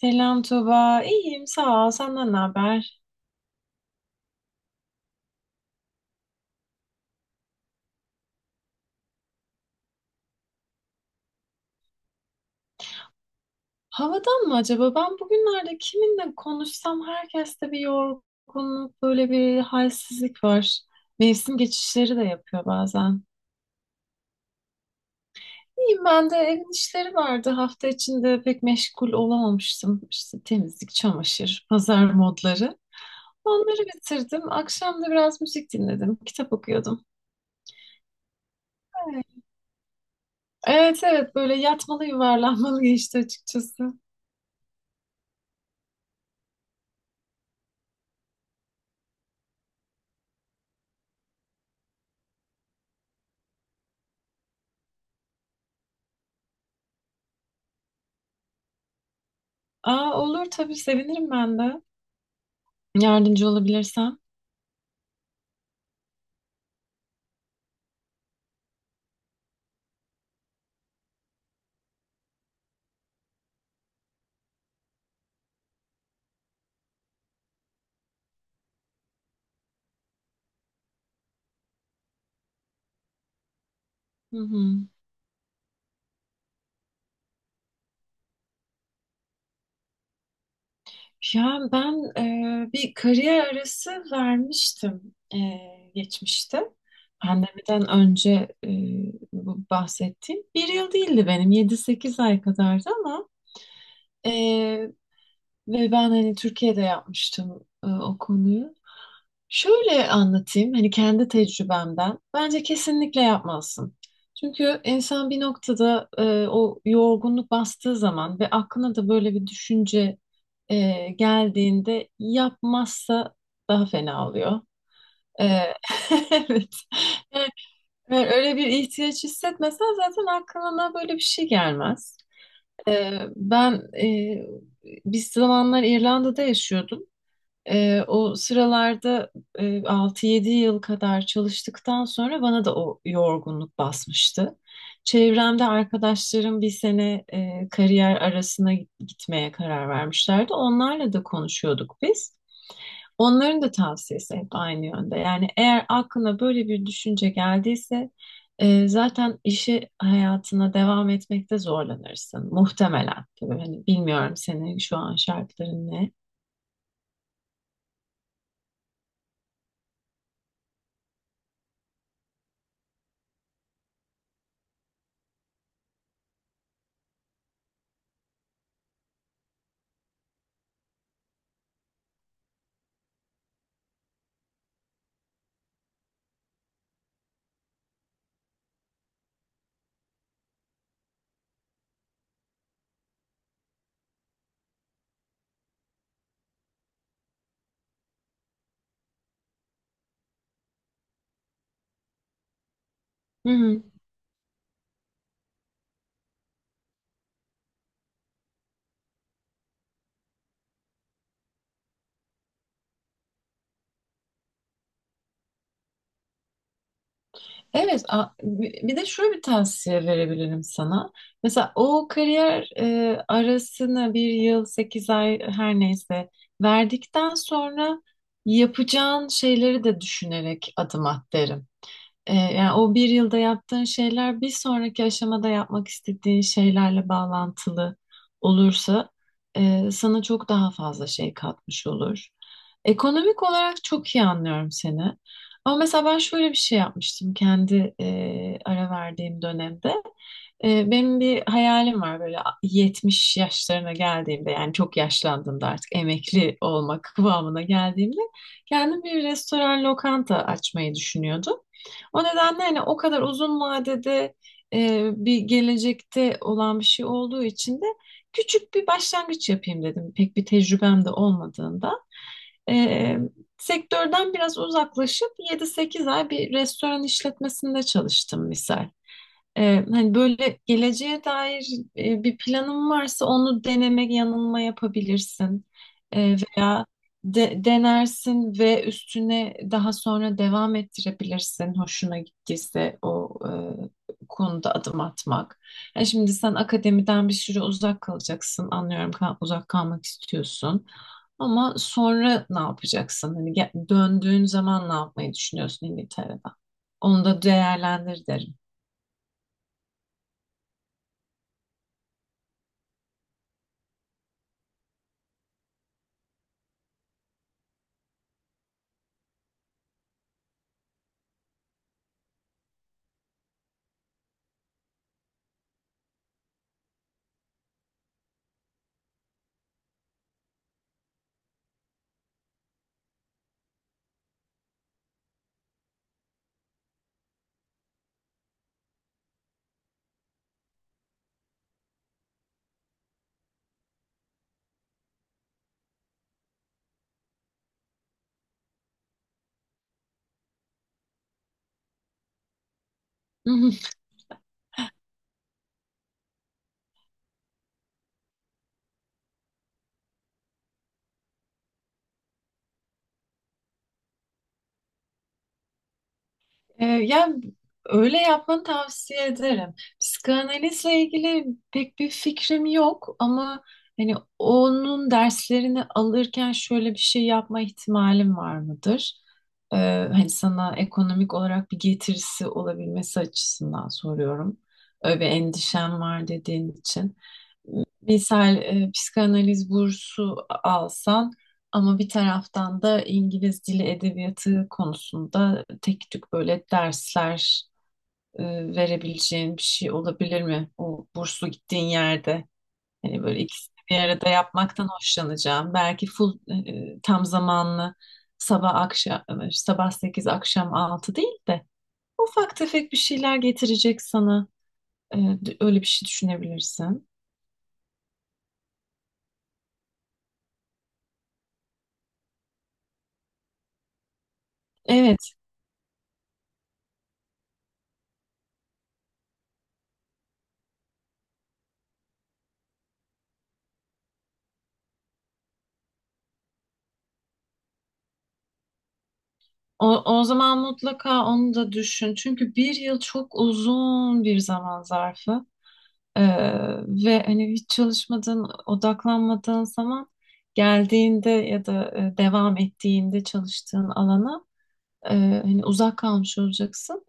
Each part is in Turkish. Selam Tuba. İyiyim sağ ol. Senden ne haber? Havadan mı acaba? Ben bugünlerde kiminle konuşsam herkeste bir yorgunluk, böyle bir halsizlik var. Mevsim geçişleri de yapıyor bazen. İyiyim ben de evin işleri vardı. Hafta içinde pek meşgul olamamıştım. İşte temizlik, çamaşır, pazar modları. Onları bitirdim. Akşam da biraz müzik dinledim. Kitap okuyordum. Evet evet böyle yatmalı yuvarlanmalı geçti açıkçası. Aa olur tabii sevinirim ben de. Yardımcı olabilirsem. Hı hı. Ya ben bir kariyer arası vermiştim, geçmişte. Pandemiden önce e, bu bahsettiğim bir yıl değildi benim. Yedi sekiz ay kadardı ama e, ve ben hani Türkiye'de yapmıştım o konuyu. Şöyle anlatayım hani kendi tecrübemden. Bence kesinlikle yapmazsın. Çünkü insan bir noktada, o yorgunluk bastığı zaman ve aklına da böyle bir düşünce geldiğinde yapmazsa daha fena oluyor. E, evet. Yani, öyle bir ihtiyaç hissetmesen zaten aklına böyle bir şey gelmez. Ben e, bir zamanlar İrlanda'da yaşıyordum. O sıralarda, 6-7 yıl kadar çalıştıktan sonra bana da o yorgunluk basmıştı. Çevremde arkadaşlarım bir sene kariyer arasına gitmeye karar vermişlerdi. Onlarla da konuşuyorduk biz. Onların da tavsiyesi hep aynı yönde. Yani eğer aklına böyle bir düşünce geldiyse zaten işi hayatına devam etmekte zorlanırsın. Muhtemelen. Tabii hani bilmiyorum senin şu an şartların ne. Hı hı. Evet, bir de şöyle bir tavsiye verebilirim sana. Mesela o kariyer arasını bir yıl, sekiz ay her neyse verdikten sonra yapacağın şeyleri de düşünerek adım at derim. Yani o bir yılda yaptığın şeyler bir sonraki aşamada yapmak istediğin şeylerle bağlantılı olursa sana çok daha fazla şey katmış olur. Ekonomik olarak çok iyi anlıyorum seni. Ama mesela ben şöyle bir şey yapmıştım kendi ara verdiğim dönemde. Benim bir hayalim var, böyle 70 yaşlarına geldiğimde, yani çok yaşlandığımda, artık emekli olmak kıvamına geldiğimde kendim bir restoran lokanta açmayı düşünüyordum. O nedenle hani o kadar uzun vadede, bir gelecekte olan bir şey olduğu için de küçük bir başlangıç yapayım dedim. Pek bir tecrübem de olmadığında. E, sektörden biraz uzaklaşıp 7-8 ay bir restoran işletmesinde çalıştım misal. Hani böyle geleceğe dair bir planın varsa onu deneme yanılma yapabilirsin. Veya denersin ve üstüne daha sonra devam ettirebilirsin hoşuna gittiyse o konuda adım atmak. Yani şimdi sen akademiden bir süre uzak kalacaksın. Anlıyorum, uzak kalmak istiyorsun. Ama sonra ne yapacaksın? Hani döndüğün zaman ne yapmayı düşünüyorsun İngiltere'den? Onu da değerlendir derim. Hı. Yani öyle yapmanı tavsiye ederim. Psikanalizle ilgili pek bir fikrim yok ama hani onun derslerini alırken şöyle bir şey yapma ihtimalim var mıdır? Ee, hani sana ekonomik olarak bir getirisi olabilmesi açısından soruyorum. Öyle bir endişem var dediğin için. Misal, psikanaliz bursu alsan ama bir taraftan da İngiliz dili edebiyatı konusunda tek tük böyle dersler e, verebileceğin bir şey olabilir mi? O burslu gittiğin yerde hani böyle ikisini bir arada yapmaktan hoşlanacağım. Belki full, tam zamanlı, sabah akşam, sabah 8 akşam 6 değil de ufak tefek bir şeyler getirecek sana. Öyle bir şey düşünebilirsin. Evet. O, o zaman mutlaka onu da düşün. Çünkü bir yıl çok uzun bir zaman zarfı. Ee, ve hani hiç çalışmadığın, odaklanmadığın zaman geldiğinde ya da, devam ettiğinde çalıştığın alana, e, hani uzak kalmış olacaksın.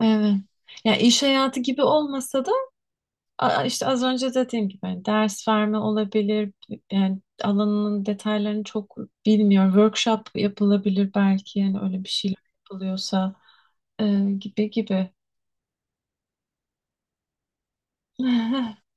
Evet. Ya iş hayatı gibi olmasa. İşte az önce dediğim gibi hani ders verme olabilir. Yani alanının detaylarını çok bilmiyorum. Workshop yapılabilir belki, yani öyle bir şeyler yapılıyorsa. Gibi gibi.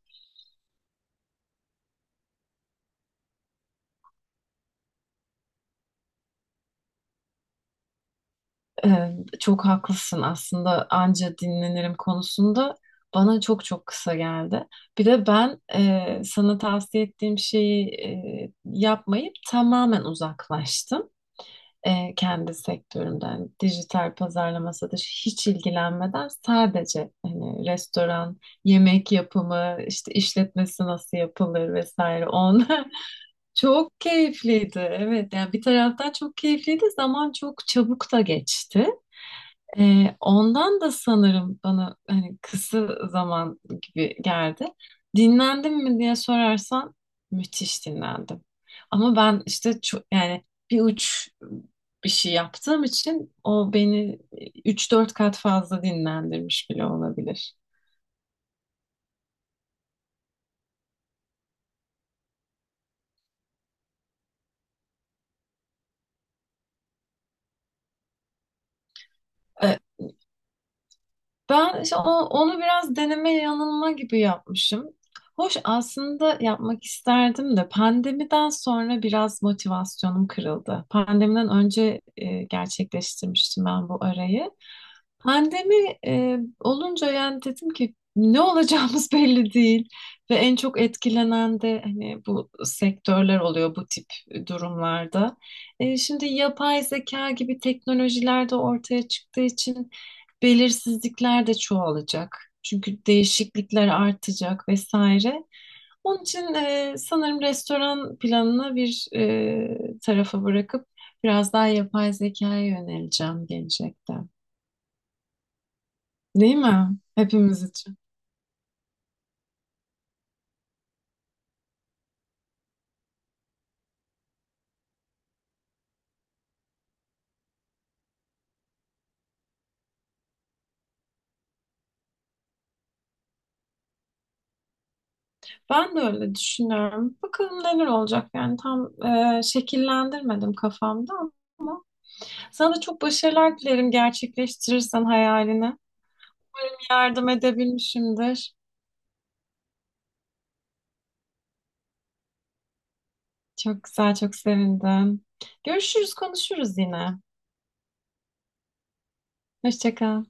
Çok haklısın aslında anca dinlenirim konusunda. Bana çok çok kısa geldi. Bir de ben, sana tavsiye ettiğim şeyi yapmayıp tamamen uzaklaştım. Kendi sektörümden, dijital pazarlama satışı hiç ilgilenmeden, sadece hani restoran, yemek yapımı, işte işletmesi nasıl yapılır vesaire onlar çok keyifliydi. Evet yani bir taraftan çok keyifliydi, zaman çok çabuk da geçti. Ondan da sanırım bana hani kısa zaman gibi geldi. Dinlendim mi diye sorarsan, müthiş dinlendim. Ama ben işte çok, yani bir uç bir şey yaptığım için o beni üç dört kat fazla dinlendirmiş bile olabilir. Ee, Ben işte onu biraz deneme yanılma gibi yapmışım. Hoş aslında yapmak isterdim de pandemiden sonra biraz motivasyonum kırıldı. Pandemiden önce gerçekleştirmiştim ben bu arayı. Pandemi olunca yani dedim ki ne olacağımız belli değil ve en çok etkilenen de hani bu sektörler oluyor bu tip durumlarda. Şimdi yapay zeka gibi teknolojiler de ortaya çıktığı için belirsizlikler de çoğalacak. Çünkü değişiklikler artacak vesaire. Onun için, sanırım restoran planını bir tarafa bırakıp biraz daha yapay zekaya yöneleceğim gelecekte. Değil mi? Hepimiz için. Ben de öyle düşünüyorum. Bakalım neler olacak, yani tam şekillendirmedim kafamda ama sana da çok başarılar dilerim gerçekleştirirsen hayalini. Yardım edebilmişimdir. Çok güzel, çok sevindim. Görüşürüz, konuşuruz yine. Hoşça kal.